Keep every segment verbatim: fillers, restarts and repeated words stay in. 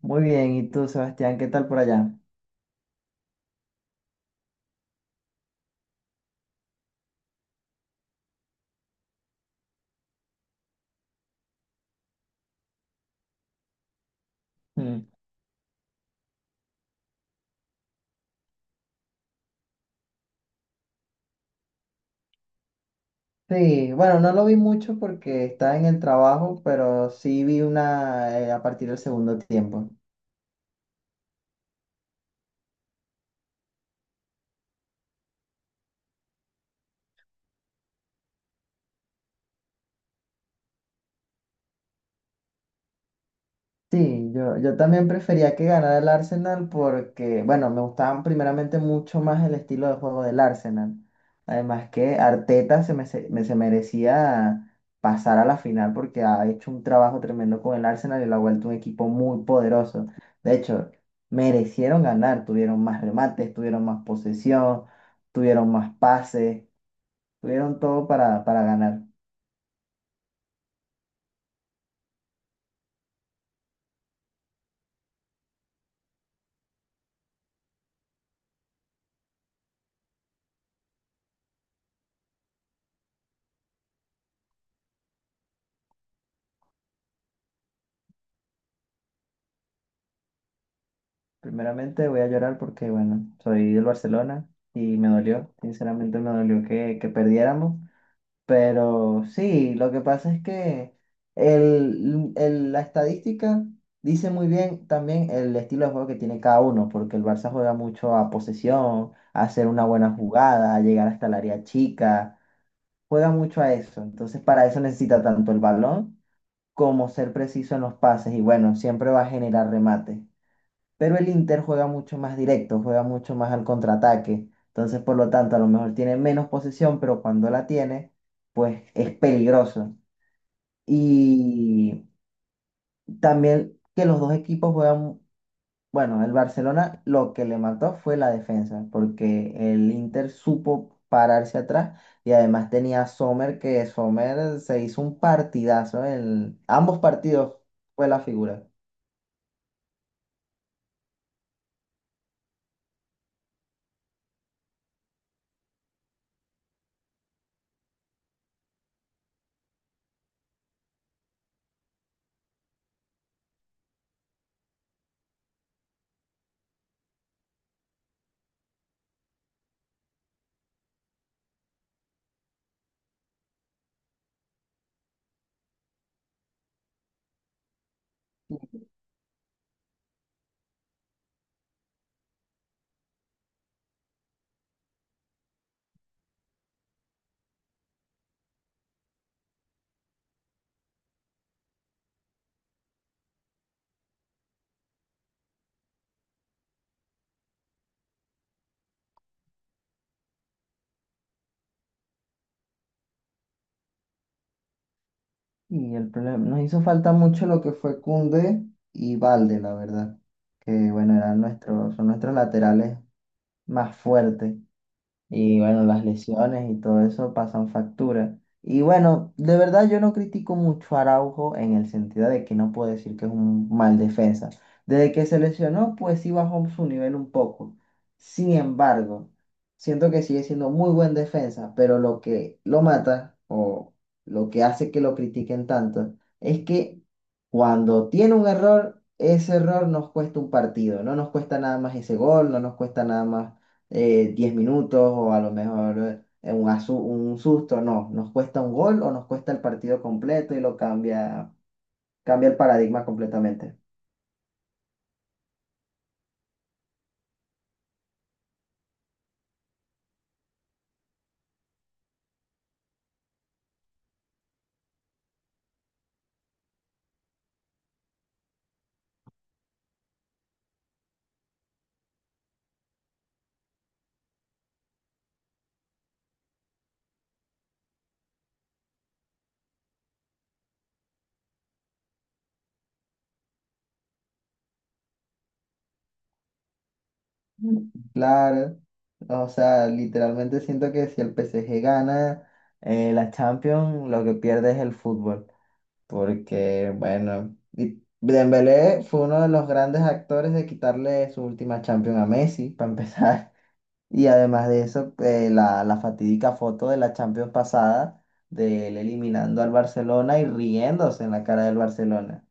Muy bien, ¿y tú, Sebastián, qué tal por allá? Mm. Sí, bueno, no lo vi mucho porque estaba en el trabajo, pero sí vi una eh, a partir del segundo tiempo. Sí, yo, yo también prefería que ganara el Arsenal porque, bueno, me gustaba primeramente mucho más el estilo de juego del Arsenal. Además que Arteta se, me, se me- se merecía pasar a la final porque ha hecho un trabajo tremendo con el Arsenal y lo ha vuelto un equipo muy poderoso. De hecho, merecieron ganar, tuvieron más remates, tuvieron más posesión, tuvieron más pases, tuvieron todo para, para ganar. Primeramente voy a llorar porque, bueno, soy del Barcelona y me dolió, sinceramente me dolió que, que perdiéramos, pero sí, lo que pasa es que el, el- la estadística dice muy bien también el estilo de juego que tiene cada uno, porque el Barça juega mucho a posesión, a hacer una buena jugada, a llegar hasta el área chica, juega mucho a eso, entonces para eso necesita tanto el balón como ser preciso en los pases y bueno, siempre va a generar remate. Pero el Inter juega mucho más directo, juega mucho más al contraataque. Entonces, por lo tanto, a lo mejor tiene menos posesión, pero cuando la tiene, pues es peligroso. Y también que los dos equipos juegan, bueno, el Barcelona lo que le mató fue la defensa, porque el Inter supo pararse atrás y además tenía a Sommer, que Sommer se hizo un partidazo en ambos partidos, fue la figura. Y el problema, nos hizo falta mucho lo que fue Koundé y Valde, la verdad. Que bueno, eran nuestros, son nuestros laterales más fuertes. Y bueno, las lesiones y todo eso pasan factura. Y bueno, de verdad yo no critico mucho a Araujo en el sentido de que no puedo decir que es un mal defensa. Desde que se lesionó, pues sí bajó su nivel un poco. Sin embargo, siento que sigue siendo muy buen defensa, pero lo que lo mata o lo que hace que lo critiquen tanto es que cuando tiene un error, ese error nos cuesta un partido. No nos cuesta nada más ese gol, no nos cuesta nada más eh, diez minutos o a lo mejor eh, un, asu- un susto, no, nos cuesta un gol o nos cuesta el partido completo y lo cambia, cambia el paradigma completamente. Mm. Claro, o sea, literalmente siento que si el P S G gana eh, la Champions, lo que pierde es el fútbol, porque bueno, y Dembélé fue uno de los grandes actores de quitarle su última Champions a Messi, para empezar. Y además de eso, eh, la, la fatídica foto de la Champions pasada, de él eliminando al Barcelona y riéndose en la cara del Barcelona.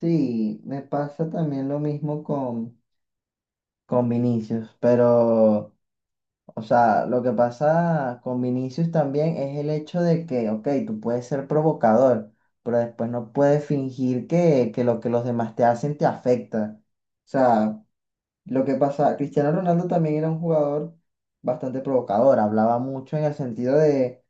Sí, me pasa también lo mismo con, con Vinicius, pero, o sea, lo que pasa con Vinicius también es el hecho de que, ok, tú puedes ser provocador, pero después no puedes fingir que, que lo que los demás te hacen te afecta. O sea, lo que pasa, Cristiano Ronaldo también era un jugador bastante provocador, hablaba mucho en el sentido de,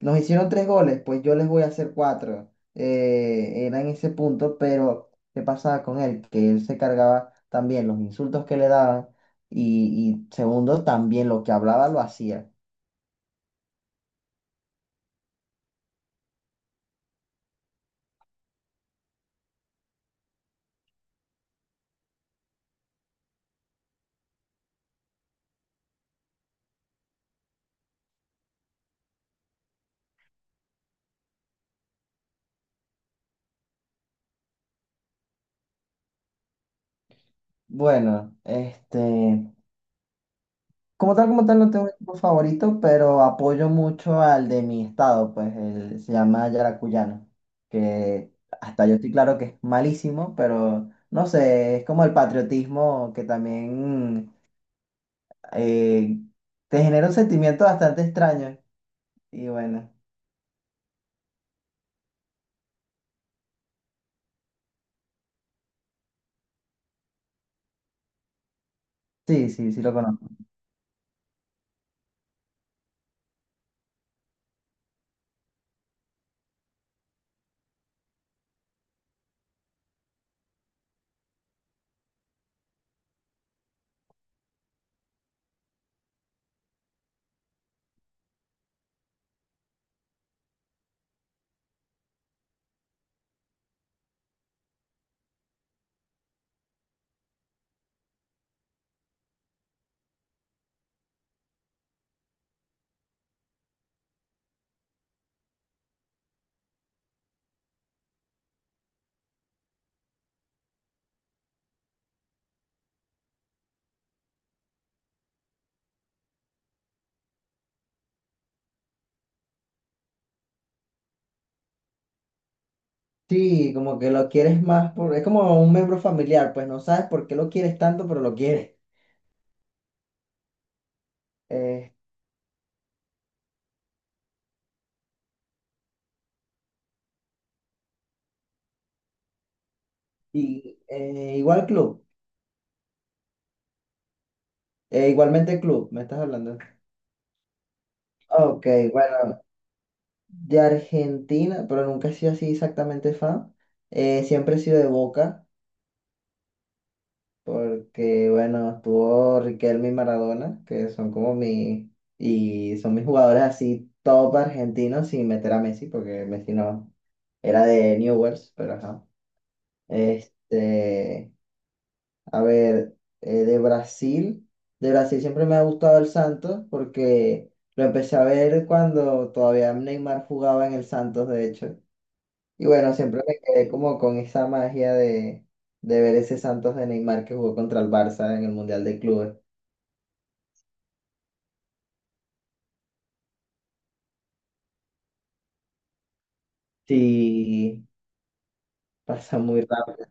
nos hicieron tres goles, pues yo les voy a hacer cuatro. Eh, era en ese punto, pero ¿qué pasaba con él? Que él se cargaba también los insultos que le daban y, y segundo, también lo que hablaba lo hacía. Bueno, este, como tal, como tal, no tengo un equipo favorito, pero apoyo mucho al de mi estado, pues el, se llama Yaracuyano, que hasta yo estoy claro que es malísimo, pero no sé, es como el patriotismo que también eh, te genera un sentimiento bastante extraño. Y bueno, sí, sí, sí lo conozco. Sí, como que lo quieres más, por, es como un miembro familiar, pues no sabes por qué lo quieres tanto, pero lo quieres. Eh, y eh, Igual club, eh, igualmente club, me estás hablando. Ok, bueno, de Argentina, pero nunca he sido así exactamente fan. Eh, siempre he sido de Boca, porque bueno, estuvo Riquelme y Maradona, que son como mi, y son mis jugadores así top argentinos sin meter a Messi, porque Messi no era de Newell's, pero ajá. Este, a ver, eh, de Brasil, de Brasil siempre me ha gustado el Santos, porque lo empecé a ver cuando todavía Neymar jugaba en el Santos, de hecho. Y bueno, siempre me quedé como con esa magia de, de ver ese Santos de Neymar que jugó contra el Barça en el Mundial de Clubes. Sí, pasa muy rápido.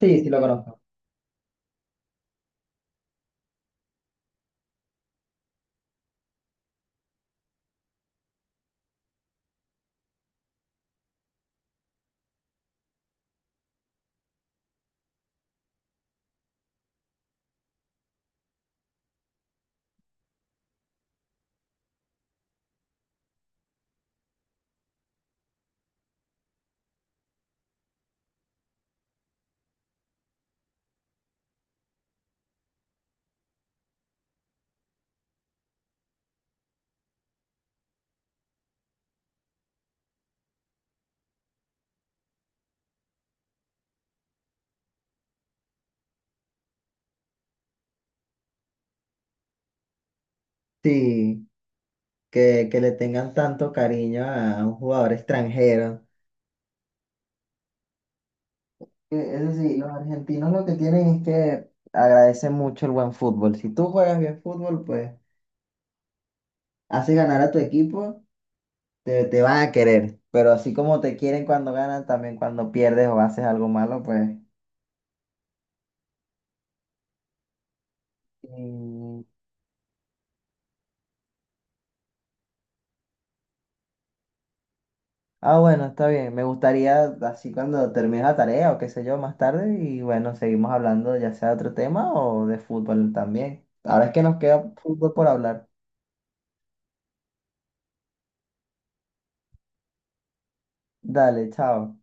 Sí, sí lo conozco. Sí, que, que le tengan tanto cariño a un jugador extranjero. Eh, Eso sí, los argentinos lo que tienen es que agradecen mucho el buen fútbol. Si tú juegas bien fútbol, pues haces ganar a tu equipo, te, te van a querer. Pero así como te quieren cuando ganan, también cuando pierdes o haces algo malo, pues... Mm. Ah, bueno, está bien. Me gustaría, así cuando termine la tarea o qué sé yo, más tarde, y bueno, seguimos hablando ya sea de otro tema o de fútbol también. Ahora es que nos queda fútbol por hablar. Dale, chao.